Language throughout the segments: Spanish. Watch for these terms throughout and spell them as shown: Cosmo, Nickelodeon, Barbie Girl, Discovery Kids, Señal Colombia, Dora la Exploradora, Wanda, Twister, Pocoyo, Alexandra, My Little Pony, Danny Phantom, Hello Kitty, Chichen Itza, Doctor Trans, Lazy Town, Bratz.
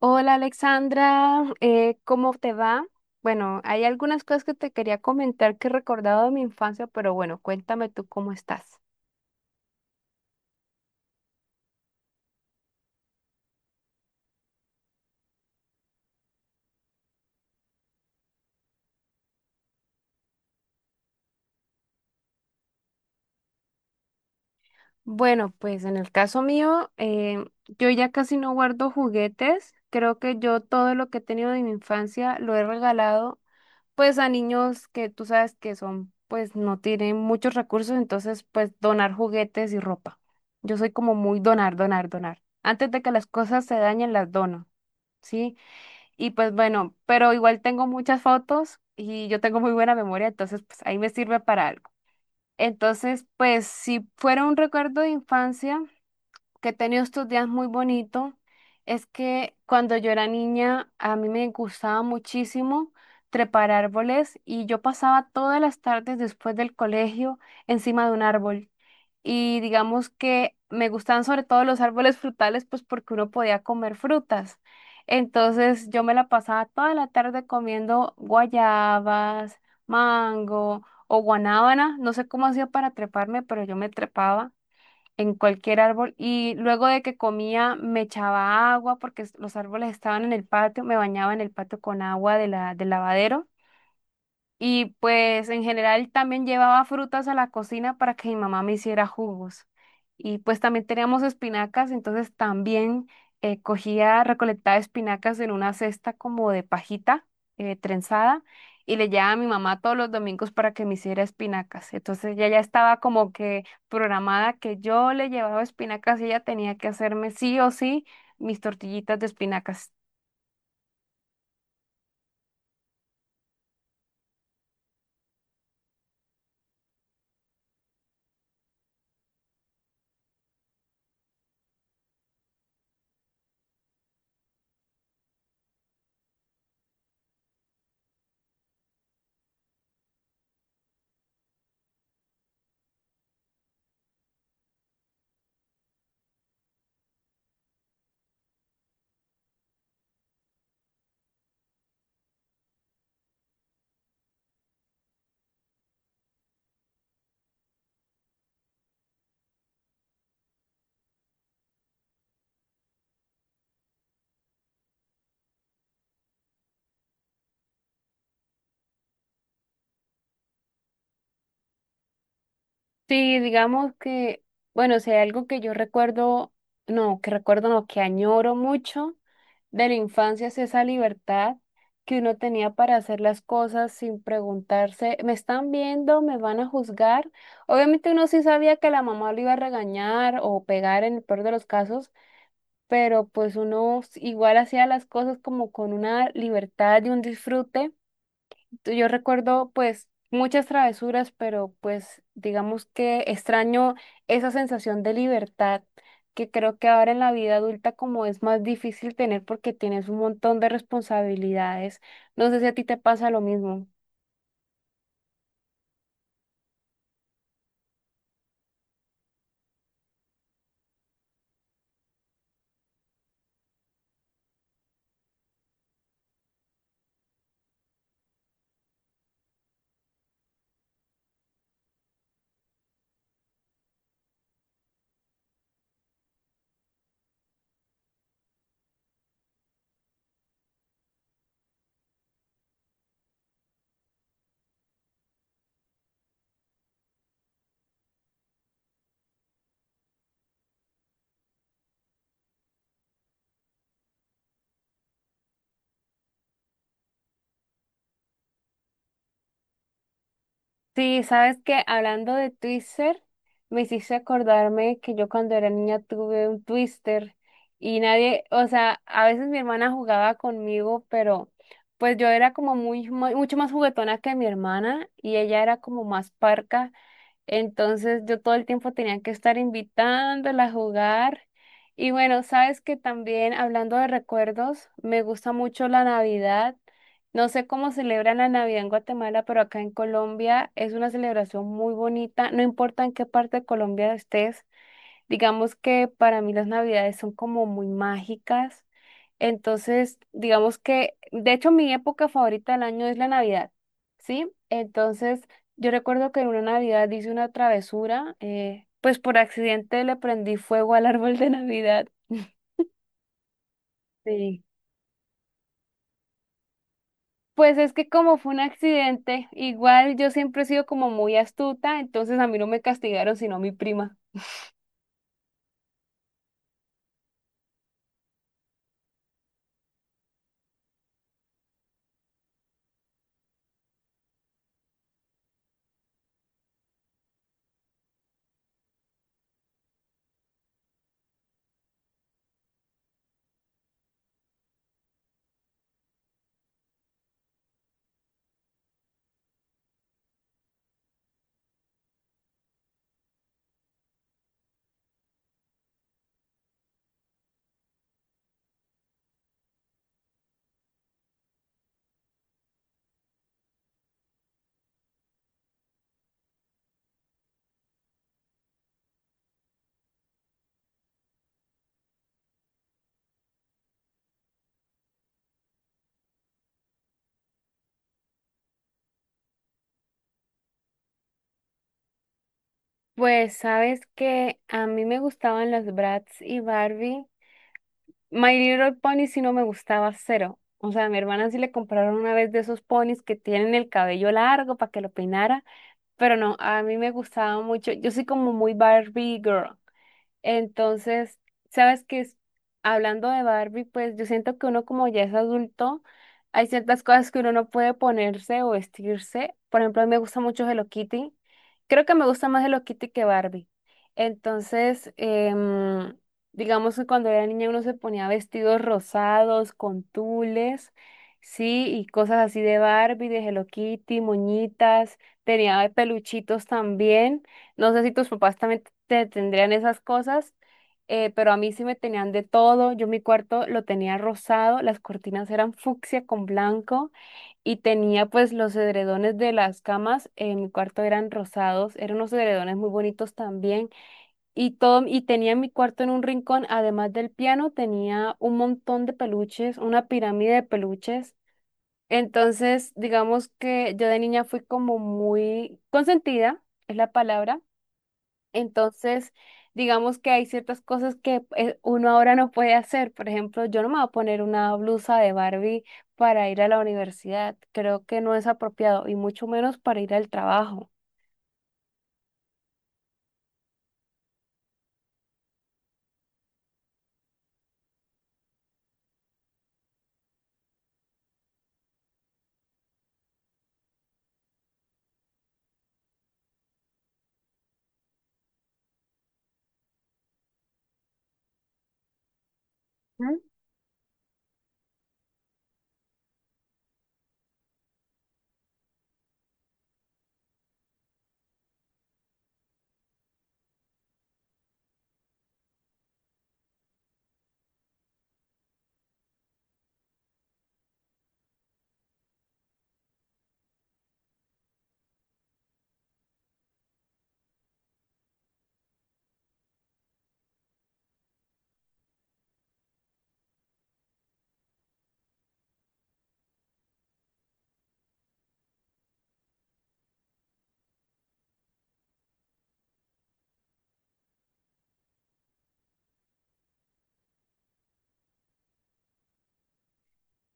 Hola Alexandra, ¿cómo te va? Bueno, hay algunas cosas que te quería comentar que he recordado de mi infancia, pero bueno, cuéntame tú cómo estás. Bueno, pues en el caso mío, yo ya casi no guardo juguetes. Creo que yo todo lo que he tenido de mi infancia lo he regalado pues a niños que tú sabes que son, pues no tienen muchos recursos, entonces pues donar juguetes y ropa. Yo soy como muy donar, donar, donar. Antes de que las cosas se dañen, las dono, ¿sí? Y pues bueno, pero igual tengo muchas fotos y yo tengo muy buena memoria, entonces pues ahí me sirve para algo. Entonces, pues si fuera un recuerdo de infancia que he tenido estos días muy bonito, es que cuando yo era niña a mí me gustaba muchísimo trepar árboles y yo pasaba todas las tardes después del colegio encima de un árbol y digamos que me gustaban sobre todo los árboles frutales, pues porque uno podía comer frutas. Entonces yo me la pasaba toda la tarde comiendo guayabas, mango o guanábana, no sé cómo hacía para treparme, pero yo me trepaba en cualquier árbol y luego de que comía me echaba agua porque los árboles estaban en el patio, me bañaba en el patio con agua de del lavadero y pues en general también llevaba frutas a la cocina para que mi mamá me hiciera jugos. Y pues también teníamos espinacas, entonces también cogía, recolectaba espinacas en una cesta como de pajita trenzada y le llevaba a mi mamá todos los domingos para que me hiciera espinacas. Entonces ya estaba como que programada que yo le llevaba espinacas y ella tenía que hacerme sí o sí mis tortillitas de espinacas. Sí, digamos que, bueno, si sea, algo que yo recuerdo, no, que añoro mucho de la infancia es esa libertad que uno tenía para hacer las cosas sin preguntarse, ¿me están viendo? ¿Me van a juzgar? Obviamente uno sí sabía que la mamá lo iba a regañar o pegar en el peor de los casos, pero pues uno igual hacía las cosas como con una libertad y un disfrute. Yo recuerdo pues muchas travesuras, pero pues digamos que extraño esa sensación de libertad que creo que ahora en la vida adulta como es más difícil tener porque tienes un montón de responsabilidades. No sé si a ti te pasa lo mismo. Sí, sabes que hablando de Twister, me hiciste acordarme que yo cuando era niña tuve un Twister y nadie, o sea, a veces mi hermana jugaba conmigo, pero pues yo era como mucho más juguetona que mi hermana y ella era como más parca. Entonces yo todo el tiempo tenía que estar invitándola a jugar. Y bueno, sabes que también hablando de recuerdos, me gusta mucho la Navidad. No sé cómo celebran la Navidad en Guatemala, pero acá en Colombia es una celebración muy bonita. No importa en qué parte de Colombia estés, digamos que para mí las Navidades son como muy mágicas. Entonces, digamos que, de hecho, mi época favorita del año es la Navidad, ¿sí? Entonces, yo recuerdo que en una Navidad hice una travesura, pues por accidente le prendí fuego al árbol de Navidad. Sí. Pues es que como fue un accidente, igual yo siempre he sido como muy astuta, entonces a mí no me castigaron, sino mi prima. Pues sabes que a mí me gustaban las Bratz y Barbie, My Little Pony sí no me gustaba cero. O sea, a mi hermana sí le compraron una vez de esos ponis que tienen el cabello largo para que lo peinara, pero no, a mí me gustaba mucho. Yo soy como muy Barbie Girl. Entonces, sabes que es- hablando de Barbie, pues yo siento que uno como ya es adulto, hay ciertas cosas que uno no puede ponerse o vestirse. Por ejemplo, a mí me gusta mucho Hello Kitty. Creo que me gusta más Hello Kitty que Barbie. Entonces, digamos que cuando era niña uno se ponía vestidos rosados, con tules, sí, y cosas así de Barbie, de Hello Kitty, moñitas, tenía peluchitos también. No sé si tus papás también te tendrían esas cosas, pero a mí sí me tenían de todo. Yo mi cuarto lo tenía rosado, las cortinas eran fucsia con blanco y tenía pues los edredones de las camas en mi cuarto eran rosados, eran unos edredones muy bonitos también y todo y tenía en mi cuarto en un rincón, además del piano, tenía un montón de peluches, una pirámide de peluches. Entonces, digamos que yo de niña fui como muy consentida, es la palabra entonces, digamos que hay ciertas cosas que uno ahora no puede hacer. Por ejemplo, yo no me voy a poner una blusa de Barbie para ir a la universidad. Creo que no es apropiado y mucho menos para ir al trabajo. ¿Mm?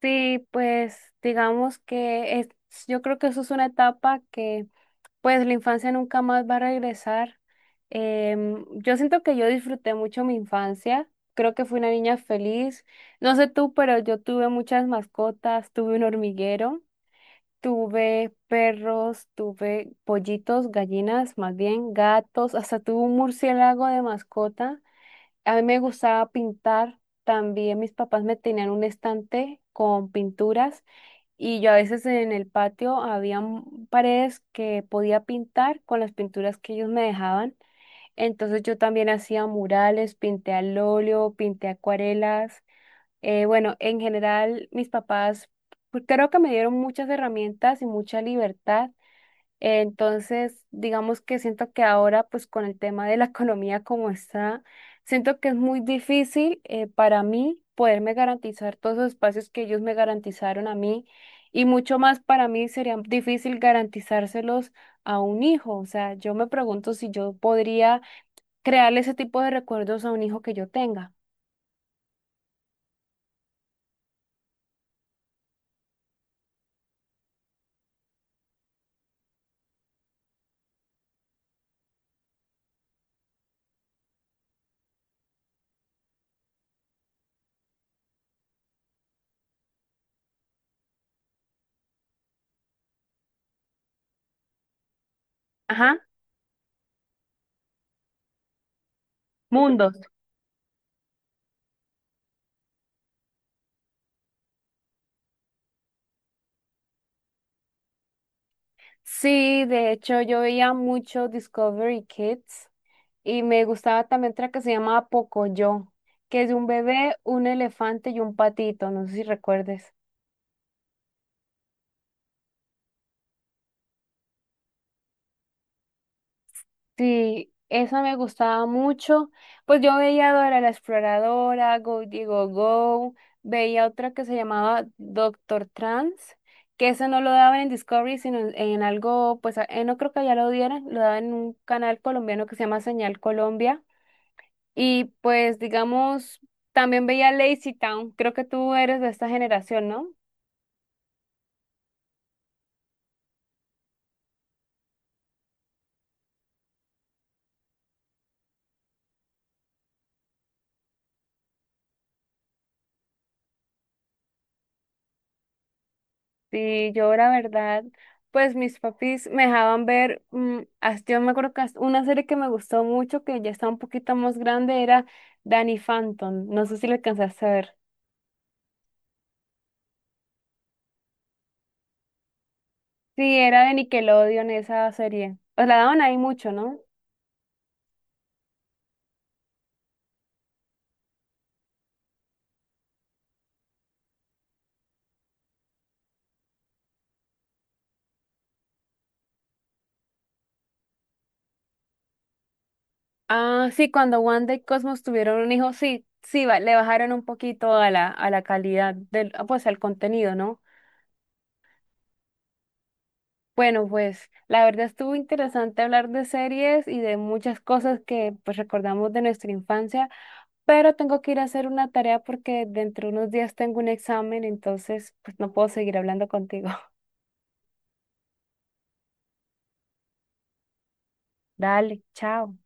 Sí, pues digamos que es, yo creo que eso es una etapa que pues la infancia nunca más va a regresar. Yo siento que yo disfruté mucho mi infancia, creo que fui una niña feliz. No sé tú, pero yo tuve muchas mascotas, tuve un hormiguero. Tuve perros, tuve pollitos, gallinas, más bien gatos, hasta tuve un murciélago de mascota. A mí me gustaba pintar. También mis papás me tenían un estante con pinturas y yo a veces en el patio había paredes que podía pintar con las pinturas que ellos me dejaban. Entonces yo también hacía murales, pinté al óleo, pinté acuarelas. Bueno, en general, mis papás pues, creo que me dieron muchas herramientas y mucha libertad. Entonces, digamos que siento que ahora, pues con el tema de la economía como está, siento que es muy difícil para mí poderme garantizar todos los espacios que ellos me garantizaron a mí. Y mucho más para mí sería difícil garantizárselos a un hijo. O sea, yo me pregunto si yo podría crearle ese tipo de recuerdos a un hijo que yo tenga. Ajá, mundos. Sí, de hecho yo veía mucho Discovery Kids y me gustaba también otra que se llamaba Pocoyo, que es de un bebé, un elefante y un patito, no sé si recuerdes. Sí, esa me gustaba mucho. Pues yo veía Dora la Exploradora, Go Digo Go, veía otra que se llamaba Doctor Trans, que ese no lo daban en Discovery, sino en algo, pues no creo que ya lo dieran, lo daban en un canal colombiano que se llama Señal Colombia. Y pues, digamos, también veía Lazy Town. Creo que tú eres de esta generación, ¿no? Sí, yo la verdad, pues mis papis me dejaban ver, yo me acuerdo que hasta una serie que me gustó mucho, que ya está un poquito más grande, era Danny Phantom. No sé si la alcanzaste a ver. Sí, era de Nickelodeon esa serie. Os la daban ahí mucho, ¿no? Ah, sí, cuando Wanda y Cosmos tuvieron un hijo, sí, sí, le bajaron un poquito a a la calidad del pues al contenido, ¿no? Bueno, pues la verdad estuvo interesante hablar de series y de muchas cosas que pues recordamos de nuestra infancia, pero tengo que ir a hacer una tarea porque dentro de unos días tengo un examen, entonces pues no puedo seguir hablando contigo. Dale, chao.